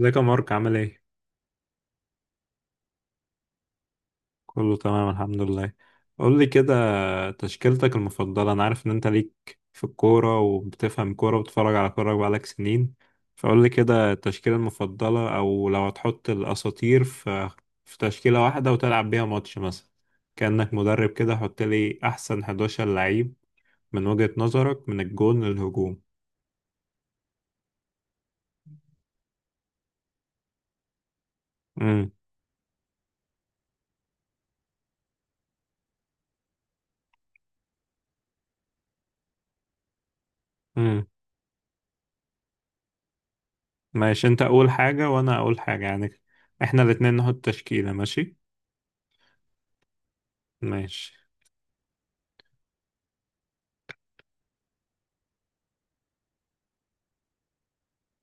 ازيك يا مارك؟ عامل ايه؟ كله تمام، الحمد لله. قول لي كده، تشكيلتك المفضلة. انا عارف ان انت ليك في الكورة وبتفهم كورة وبتتفرج على كورة بقالك سنين. فقول لي كده التشكيلة المفضلة، او لو هتحط الاساطير في تشكيلة واحدة وتلعب بيها ماتش مثلا، كأنك مدرب كده. حط لي احسن 11 لعيب من وجهة نظرك، من الجون للهجوم. امم. امم. ماشي، انت اول حاجة وانا اقول حاجة يعني. احنا الاتنين نحط تشكيلة. ماشي. ماشي.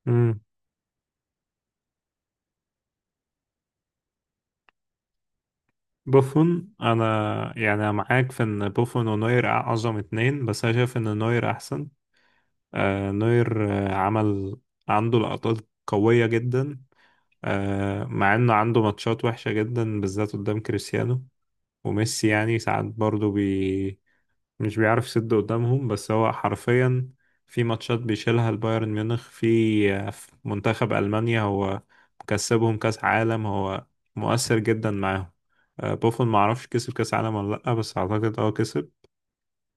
مم. بوفون، انا يعني أنا معاك في ان بوفون ونوير اعظم اتنين، بس انا شايف ان نوير احسن. نوير عمل، عنده لقطات قوية جدا. مع انه عنده ماتشات وحشة جدا بالذات قدام كريستيانو وميسي، يعني ساعات برضه مش بيعرف يسد قدامهم. بس هو حرفيا في ماتشات بيشيلها البايرن ميونخ، في منتخب ألمانيا، هو مكسبهم كأس عالم، هو مؤثر جدا معاهم. بوفون معرفش كسب كأس عالم ولا لأ، بس أعتقد اه كسب.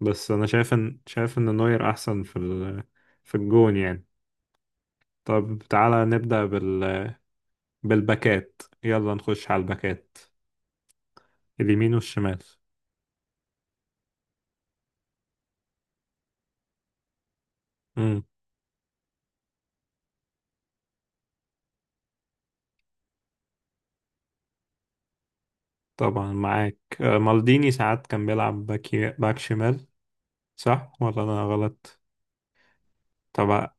بس أنا شايف إن نوير أحسن في ال... في الجون يعني. طب تعالى نبدأ بال... بالباكات، يلا نخش على الباكات، اليمين والشمال. امم. طبعا معاك. مالديني ساعات كان بيلعب باك شمال، صح ولا انا غلط؟ طب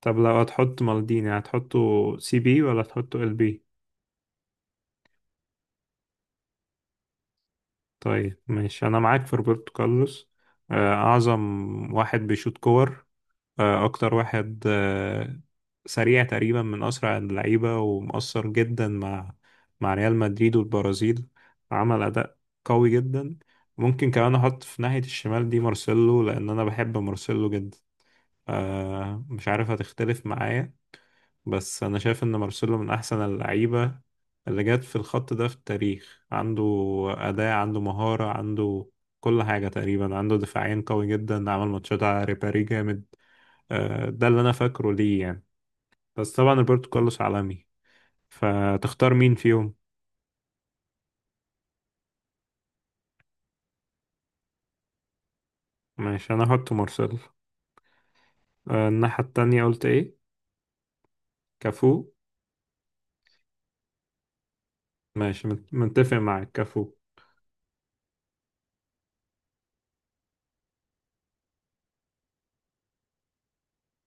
طب لو هتحط مالديني هتحطه سي بي ولا هتحطه ال بي؟ طيب ماشي، انا معاك في روبرتو كارلوس. اعظم واحد بيشوط كور، اكتر واحد، سريع تقريبا، من اسرع اللعيبه ومؤثر جدا مع ريال مدريد والبرازيل. عمل اداء قوي جدا. ممكن كمان احط في ناحيه الشمال دي مارسيلو، لان انا بحب مارسيلو جدا. مش عارف هتختلف معايا، بس أنا شايف إن مارسيلو من أحسن اللعيبة اللي جت في الخط ده في التاريخ. عنده أداء، عنده مهارة، عنده كل حاجة تقريبا. عنده دفاعين قوي جدا، عمل ماتشات على ريبيري جامد. ده اللي أنا فاكره ليه يعني. بس طبعا روبرتو كارلوس عالمي، فتختار مين فيهم؟ ماشي، أنا هحط مارسيلو. الناحية التانية قلت إيه؟ كافو. ماشي، متفق معاك، كافو.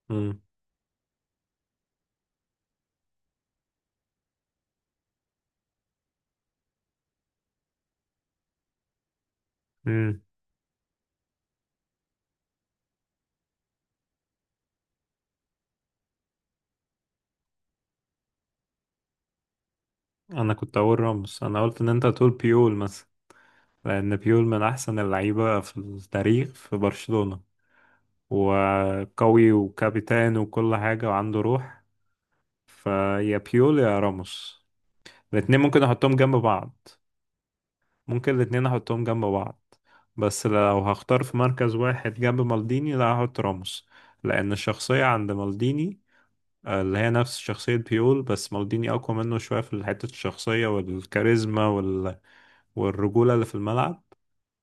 مم. مم. أنا كنت أقول راموس، أنا قلت إن أنت هتقول بيول، لأن بيول من أحسن اللعيبة في التاريخ في برشلونة، وقوي وكابتن وكل حاجة وعنده روح. فيا بيول يا راموس، الاتنين ممكن أحطهم جنب بعض. ممكن الاتنين أحطهم جنب بعض، بس لو هختار في مركز واحد جنب مالديني لا هحط راموس، لأن الشخصية عند مالديني، اللي هي نفس شخصية بيول، بس مالديني أقوى منه شوية في حتة الشخصية والكاريزما وال... والرجولة اللي في الملعب.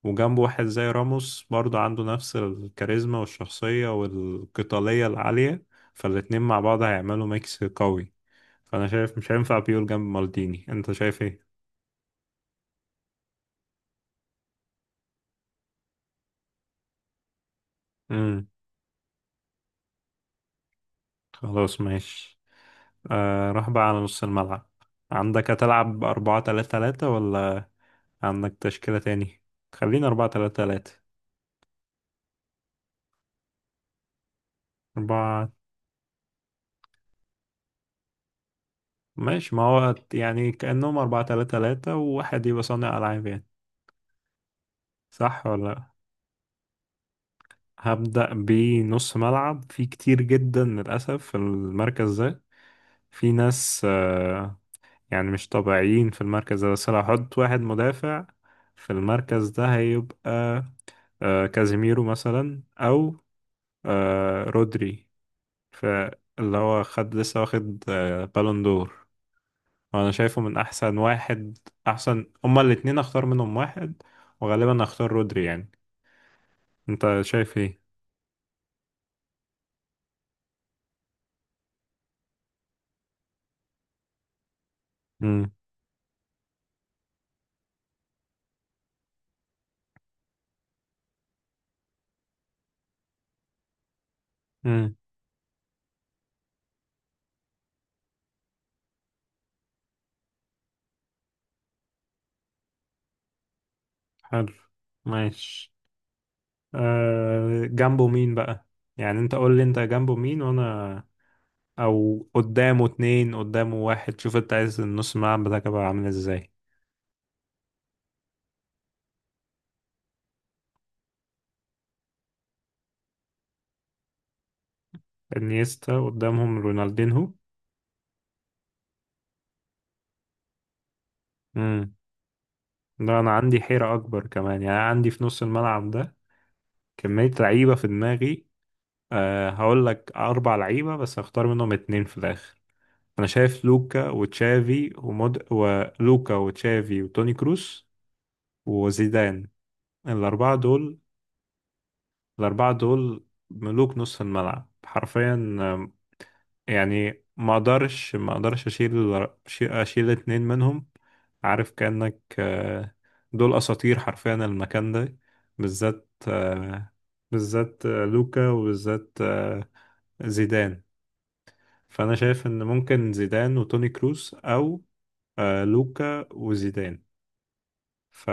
وجنبه واحد زي راموس برضه عنده نفس الكاريزما والشخصية والقتالية العالية، فالاتنين مع بعض هيعملوا ميكس قوي. فأنا شايف مش هينفع بيول جنب مالديني، أنت شايف إيه؟ امم. خلاص ماشي. راح بقى على نص الملعب. عندك هتلعب أربعة تلاتة تلاتة ولا عندك تشكيلة تاني؟ خلينا أربعة تلاتة تلاتة. أربعة. ماشي، ما هو يعني كأنهم أربعة تلاتة تلاتة وواحد يبقى صانع ألعاب يعني، صح ولا لأ؟ هبدأ بنص ملعب. في كتير جدا للأسف في المركز ده، في ناس يعني مش طبيعيين في المركز ده. بس لو هحط واحد مدافع في المركز ده هيبقى كازيميرو مثلا، أو رودري، فاللي هو خد لسه واخد بالون دور، وأنا شايفه من أحسن واحد. أحسن هما الاتنين، أختار منهم واحد، وغالبا أختار رودري يعني. أنت شايف إيه؟ مم. مم. حلو، ماشي. جنبه مين بقى؟ يعني انت قول لي انت جنبه مين، وانا، او قدامه اتنين، قدامه واحد، شوف انت عايز النص الملعب بتاعك يبقى عامل ازاي. انيستا قدامهم رونالدينهو. امم. ده انا عندي حيرة اكبر كمان. يعني أنا عندي في نص الملعب ده كمية لعيبة في دماغي. أه، هقول لك اربع لعيبة بس هختار منهم اتنين في الاخر. انا شايف لوكا وتشافي ومود، ولوكا وتشافي وتوني كروس وزيدان، الاربعة دول. الأربعة دول ملوك نصف الملعب حرفيا. يعني ما أقدرش أشيل اتنين منهم، عارف؟ كأنك دول أساطير حرفيا المكان ده، بالذات لوكا، وبالذات زيدان. فأنا شايف إن ممكن زيدان وتوني كروس، أو لوكا وزيدان. ف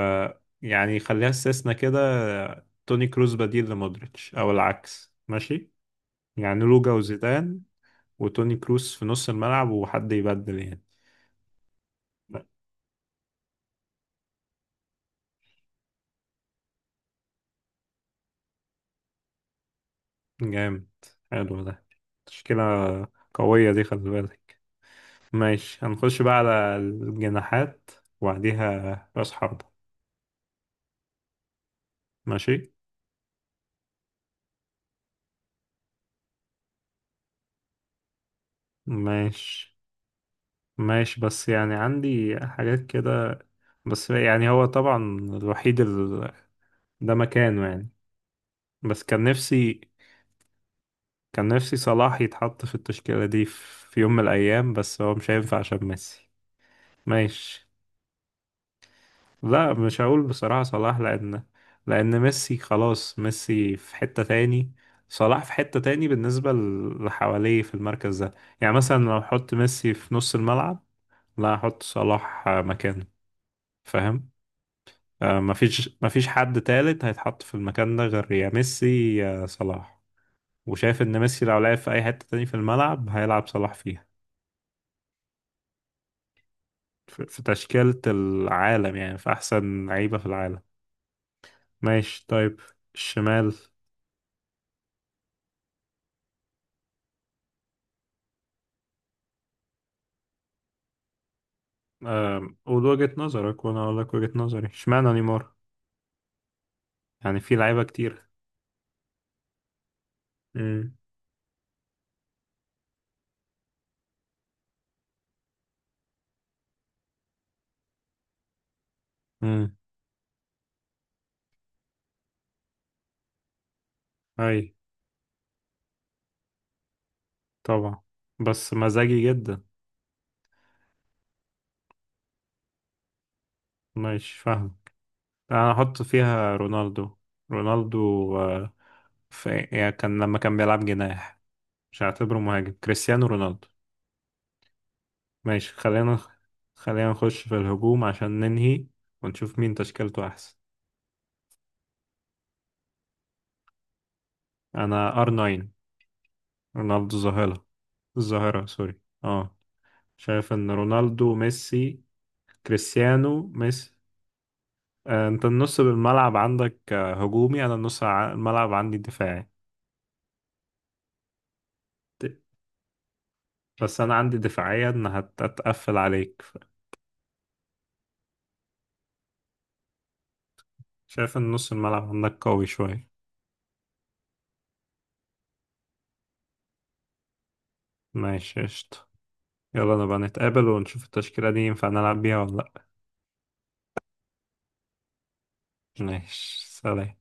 يعني خليها استثناء كده، توني كروس بديل لمودريتش أو العكس، ماشي يعني. لوكا وزيدان وتوني كروس في نص الملعب، وحد يبدل يعني. لا. جامد، حلو ده، تشكيلة قوية دي خلي بالك. ماشي، هنخش بقى على الجناحات وبعديها رأس حربة. ماشي. ماشي. ماشي، بس يعني عندي حاجات كده، بس يعني هو طبعا الوحيد ال... ده مكانه يعني، بس كان نفسي، صلاح يتحط في التشكيلة دي، في يوم من الأيام، بس هو مش هينفع عشان ميسي. ماشي. لا، مش هقول بصراحة صلاح، لأن، لأن ميسي خلاص. ميسي في حتة تاني، صلاح في حتة تاني بالنسبة اللي حواليه في المركز ده. يعني مثلا لو أحط ميسي في نص الملعب، لا أحط صلاح مكانه، فاهم؟ مفيش حد تالت هيتحط في المكان ده غير يا ميسي يا صلاح. وشايف إن ميسي لو لعب في أي حتة تاني في الملعب هيلعب صلاح فيها، في تشكيلة العالم يعني، في أحسن لعيبة في العالم. ماشي، طيب. الشمال. قول وجهة نظرك وانا اقول لك وجهة نظري، اشمعنى نيمار؟ يعني في لعيبة كتير. امم. امم. اي. طبعا، بس مزاجي جدا. ماشي، فاهم. انا احط فيها رونالدو. رونالدو، آه، في يعني كان، لما كان بيلعب جناح مش هعتبره مهاجم، كريستيانو رونالدو. ماشي خلينا، خلينا نخش في الهجوم عشان ننهي ونشوف مين تشكيلته احسن. انا ار 9، رونالدو ظاهرة. الظاهرة، سوري، اه. شايف ان رونالدو ميسي، كريستيانو ميسي. انت النص بالملعب عندك هجومي، انا النص الملعب عندي دفاعي. ت- بس انا عندي دفاعية ان هتقفل عليك، شايف ان نص الملعب عندك قوي شوية. ماشي قشطة، يلا نبقى نتقابل ونشوف التشكيلة دي ينفع نلعب بيها ولا لأ. ماشي، سلام.